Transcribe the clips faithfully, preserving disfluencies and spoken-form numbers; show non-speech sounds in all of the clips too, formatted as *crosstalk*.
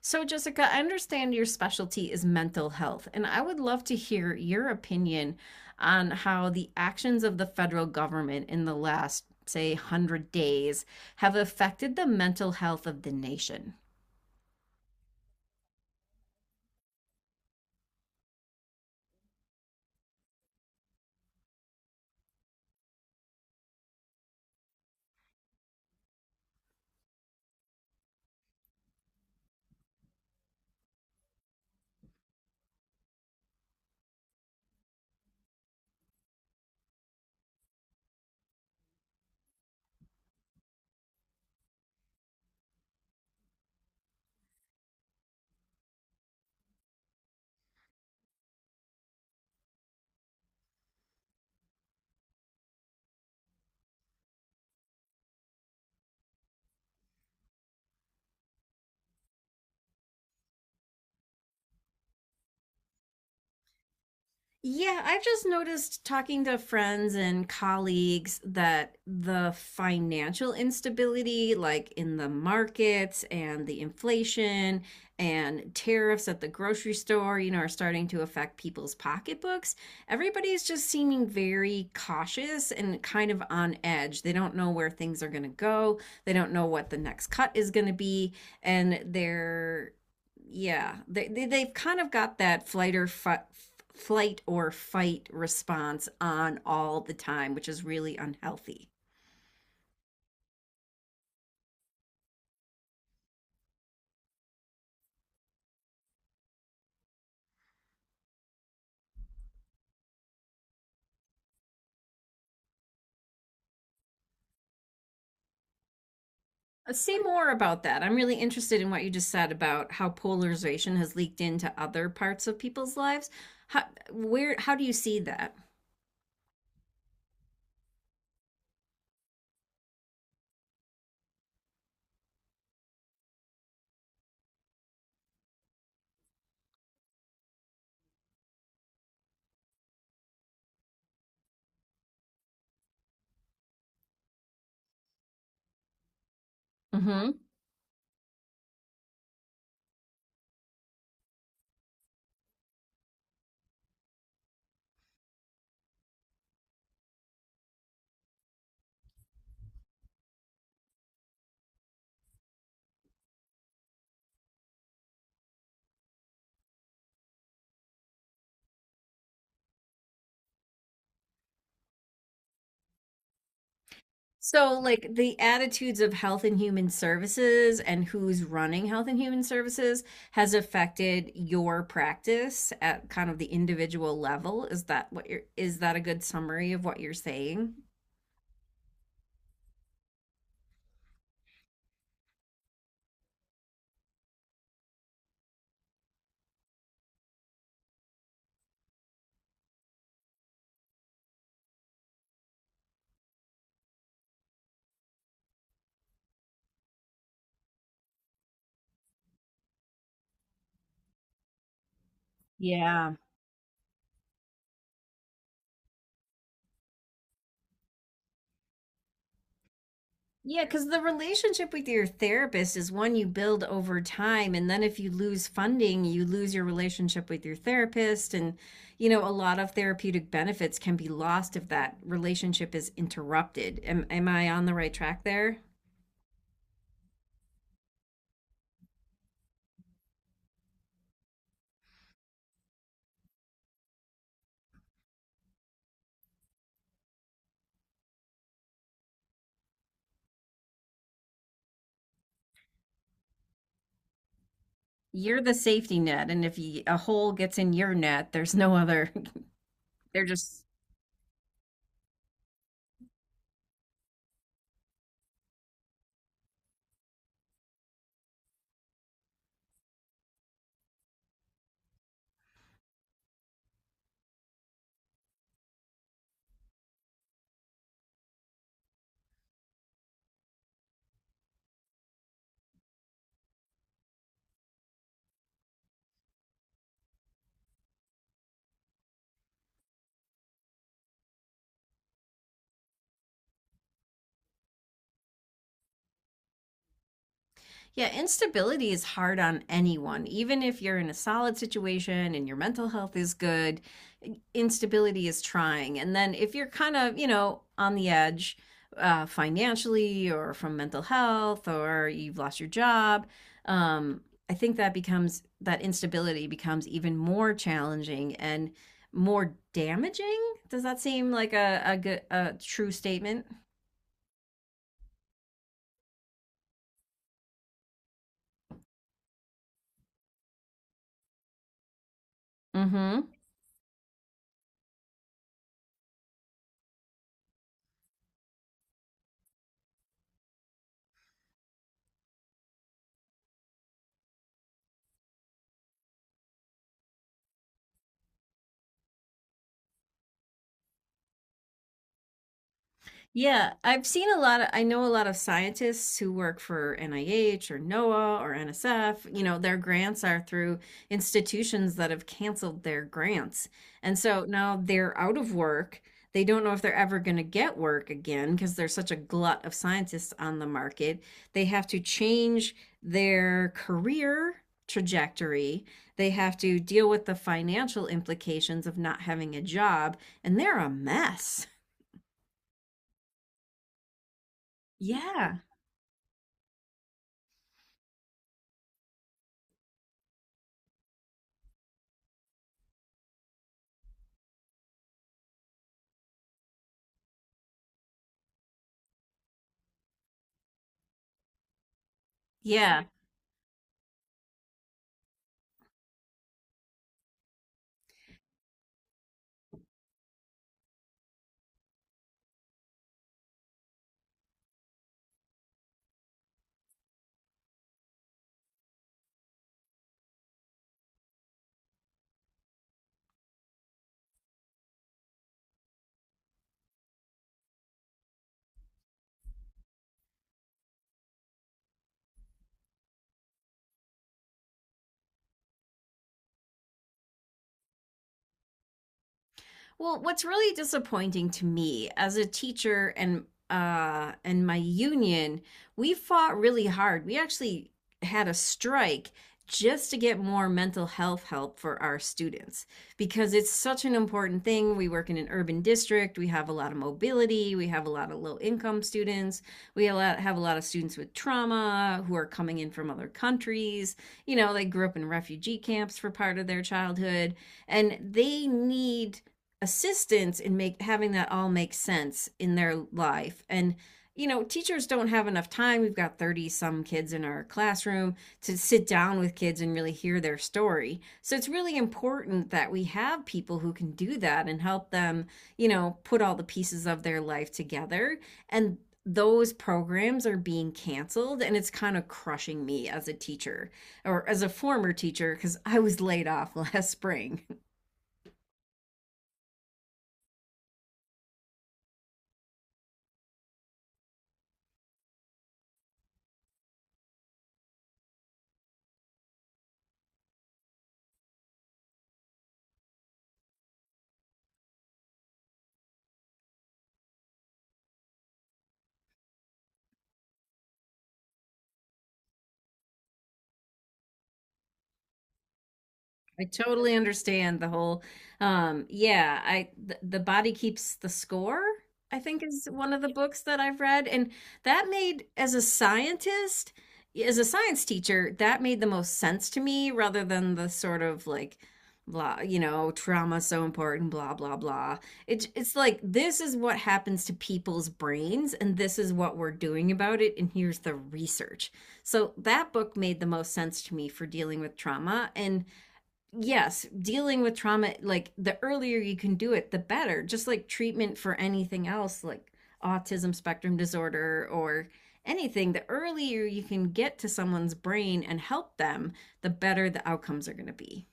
So, Jessica, I understand your specialty is mental health, and I would love to hear your opinion on how the actions of the federal government in the last, say, a hundred days have affected the mental health of the nation. Yeah, I've just noticed talking to friends and colleagues that the financial instability, like in the markets and the inflation and tariffs at the grocery store, you know, are starting to affect people's pocketbooks. Everybody's just seeming very cautious and kind of on edge. They don't know where things are going to go, they don't know what the next cut is going to be, and they're, yeah, they, they they've kind of got that flight or fi- flight or fight response on all the time, which is really unhealthy. Uh, say more about that. I'm really interested in what you just said about how polarization has leaked into other parts of people's lives. how where how do you see that? Mm-hmm. So, like, the attitudes of Health and Human Services and who's running Health and Human Services has affected your practice at kind of the individual level. Is that what you're, is that a good summary of what you're saying? Yeah. Yeah, because the relationship with your therapist is one you build over time. And then if you lose funding, you lose your relationship with your therapist. And, you know, a lot of therapeutic benefits can be lost if that relationship is interrupted. Am, am I on the right track there? You're the safety net, and if you, a hole gets in your net. There's no other. *laughs* they're just Yeah, instability is hard on anyone. Even if you're in a solid situation and your mental health is good, instability is trying. And then if you're kind of, you know, on the edge, uh, financially, or from mental health, or you've lost your job, um, I think that becomes that instability becomes even more challenging and more damaging. Does that seem like a, a good a true statement? Mm-hmm. Yeah, I've seen a lot of I know a lot of scientists who work for N I H or NOAA or N S F, you know, their grants are through institutions that have canceled their grants. And so now they're out of work. They don't know if they're ever going to get work again because there's such a glut of scientists on the market. They have to change their career trajectory. They have to deal with the financial implications of not having a job, and they're a mess. Yeah. Yeah. Well, what's really disappointing to me as a teacher, and uh and my union, we fought really hard. We actually had a strike just to get more mental health help for our students because it's such an important thing. We work in an urban district, we have a lot of mobility, we have a lot of low income students, we have a lot of students with trauma who are coming in from other countries. You know, they grew up in refugee camps for part of their childhood, and they need assistance in make having that all make sense in their life. And, you know teachers don't have enough time. We've got thirty some kids in our classroom to sit down with kids and really hear their story, so it's really important that we have people who can do that and help them you know put all the pieces of their life together. And those programs are being canceled, and it's kind of crushing me as a teacher, or as a former teacher, because I was laid off *laughs* last spring. I totally understand the whole. Um yeah, I th The Body Keeps the Score, I think, is one of the books that I've read, and that made, as a scientist, as a science teacher, that made the most sense to me rather than the sort of like blah, you know, trauma so important, blah blah blah. It, it's like, this is what happens to people's brains and this is what we're doing about it, and here's the research. So that book made the most sense to me for dealing with trauma, and yes, dealing with trauma, like, the earlier you can do it, the better. Just like treatment for anything else, like autism spectrum disorder or anything, the earlier you can get to someone's brain and help them, the better the outcomes are going to be.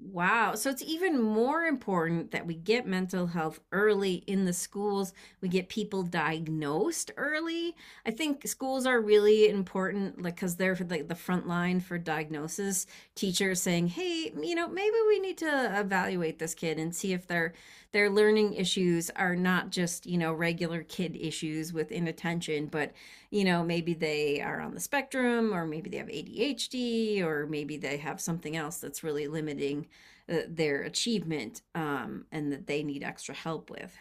Wow. So it's even more important that we get mental health early in the schools. We get people diagnosed early. I think schools are really important, like, because they're like the front line for diagnosis. Teachers saying, "Hey, you know, maybe we need to evaluate this kid and see if their their learning issues are not just you know regular kid issues with inattention, but you know maybe they are on the spectrum, or maybe they have A D H D, or maybe they have something else that's really limiting." Uh, their achievement, um, and that they need extra help with.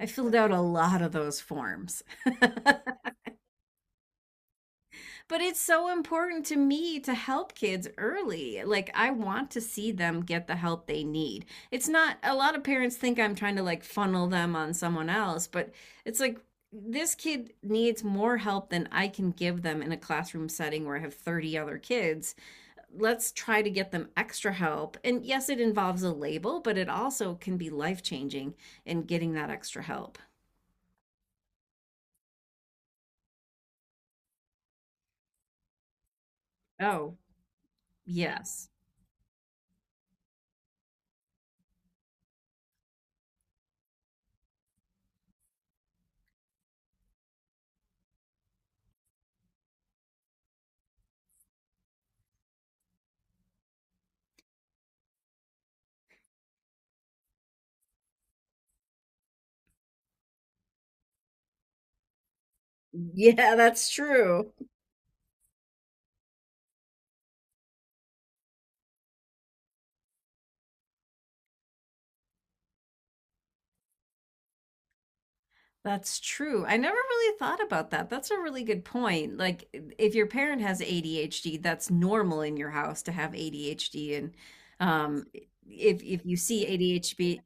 I filled out a lot of those forms. *laughs* But it's so important to me to help kids early. Like, I want to see them get the help they need. It's not, A lot of parents think I'm trying to like funnel them on someone else, but it's like, this kid needs more help than I can give them in a classroom setting where I have thirty other kids. Let's try to get them extra help. And yes, it involves a label, but it also can be life-changing in getting that extra help. Oh, yes. Yeah, that's true. That's true. I never really thought about that. That's a really good point. Like, if your parent has A D H D, that's normal in your house to have A D H D. And um, if if you see A D H D.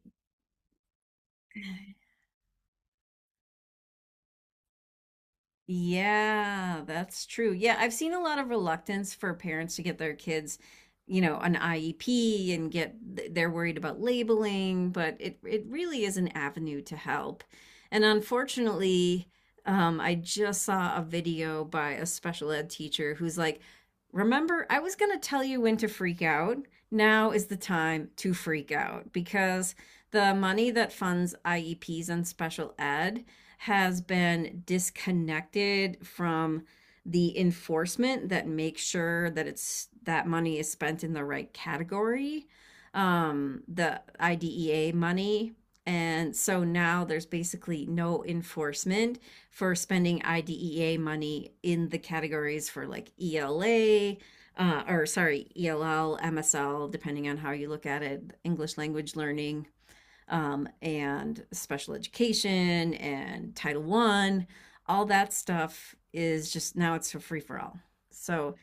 Yeah, that's true. Yeah, I've seen a lot of reluctance for parents to get their kids, you know, an I E P, and get they're worried about labeling, but it it really is an avenue to help. And unfortunately, um, I just saw a video by a special ed teacher who's like, "Remember, I was going to tell you when to freak out. Now is the time to freak out because the money that funds I E Ps and special ed has been disconnected from the enforcement that makes sure that it's that money is spent in the right category, um the IDEA money, and so now there's basically no enforcement for spending IDEA money in the categories for like E L A, uh, or sorry, E L L, M S L, depending on how you look at it, English language learning, um, and special education and Title One. All that stuff is just now it's for free for all." So,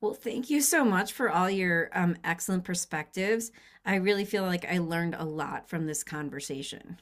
well, thank you so much for all your um, excellent perspectives. I really feel like I learned a lot from this conversation.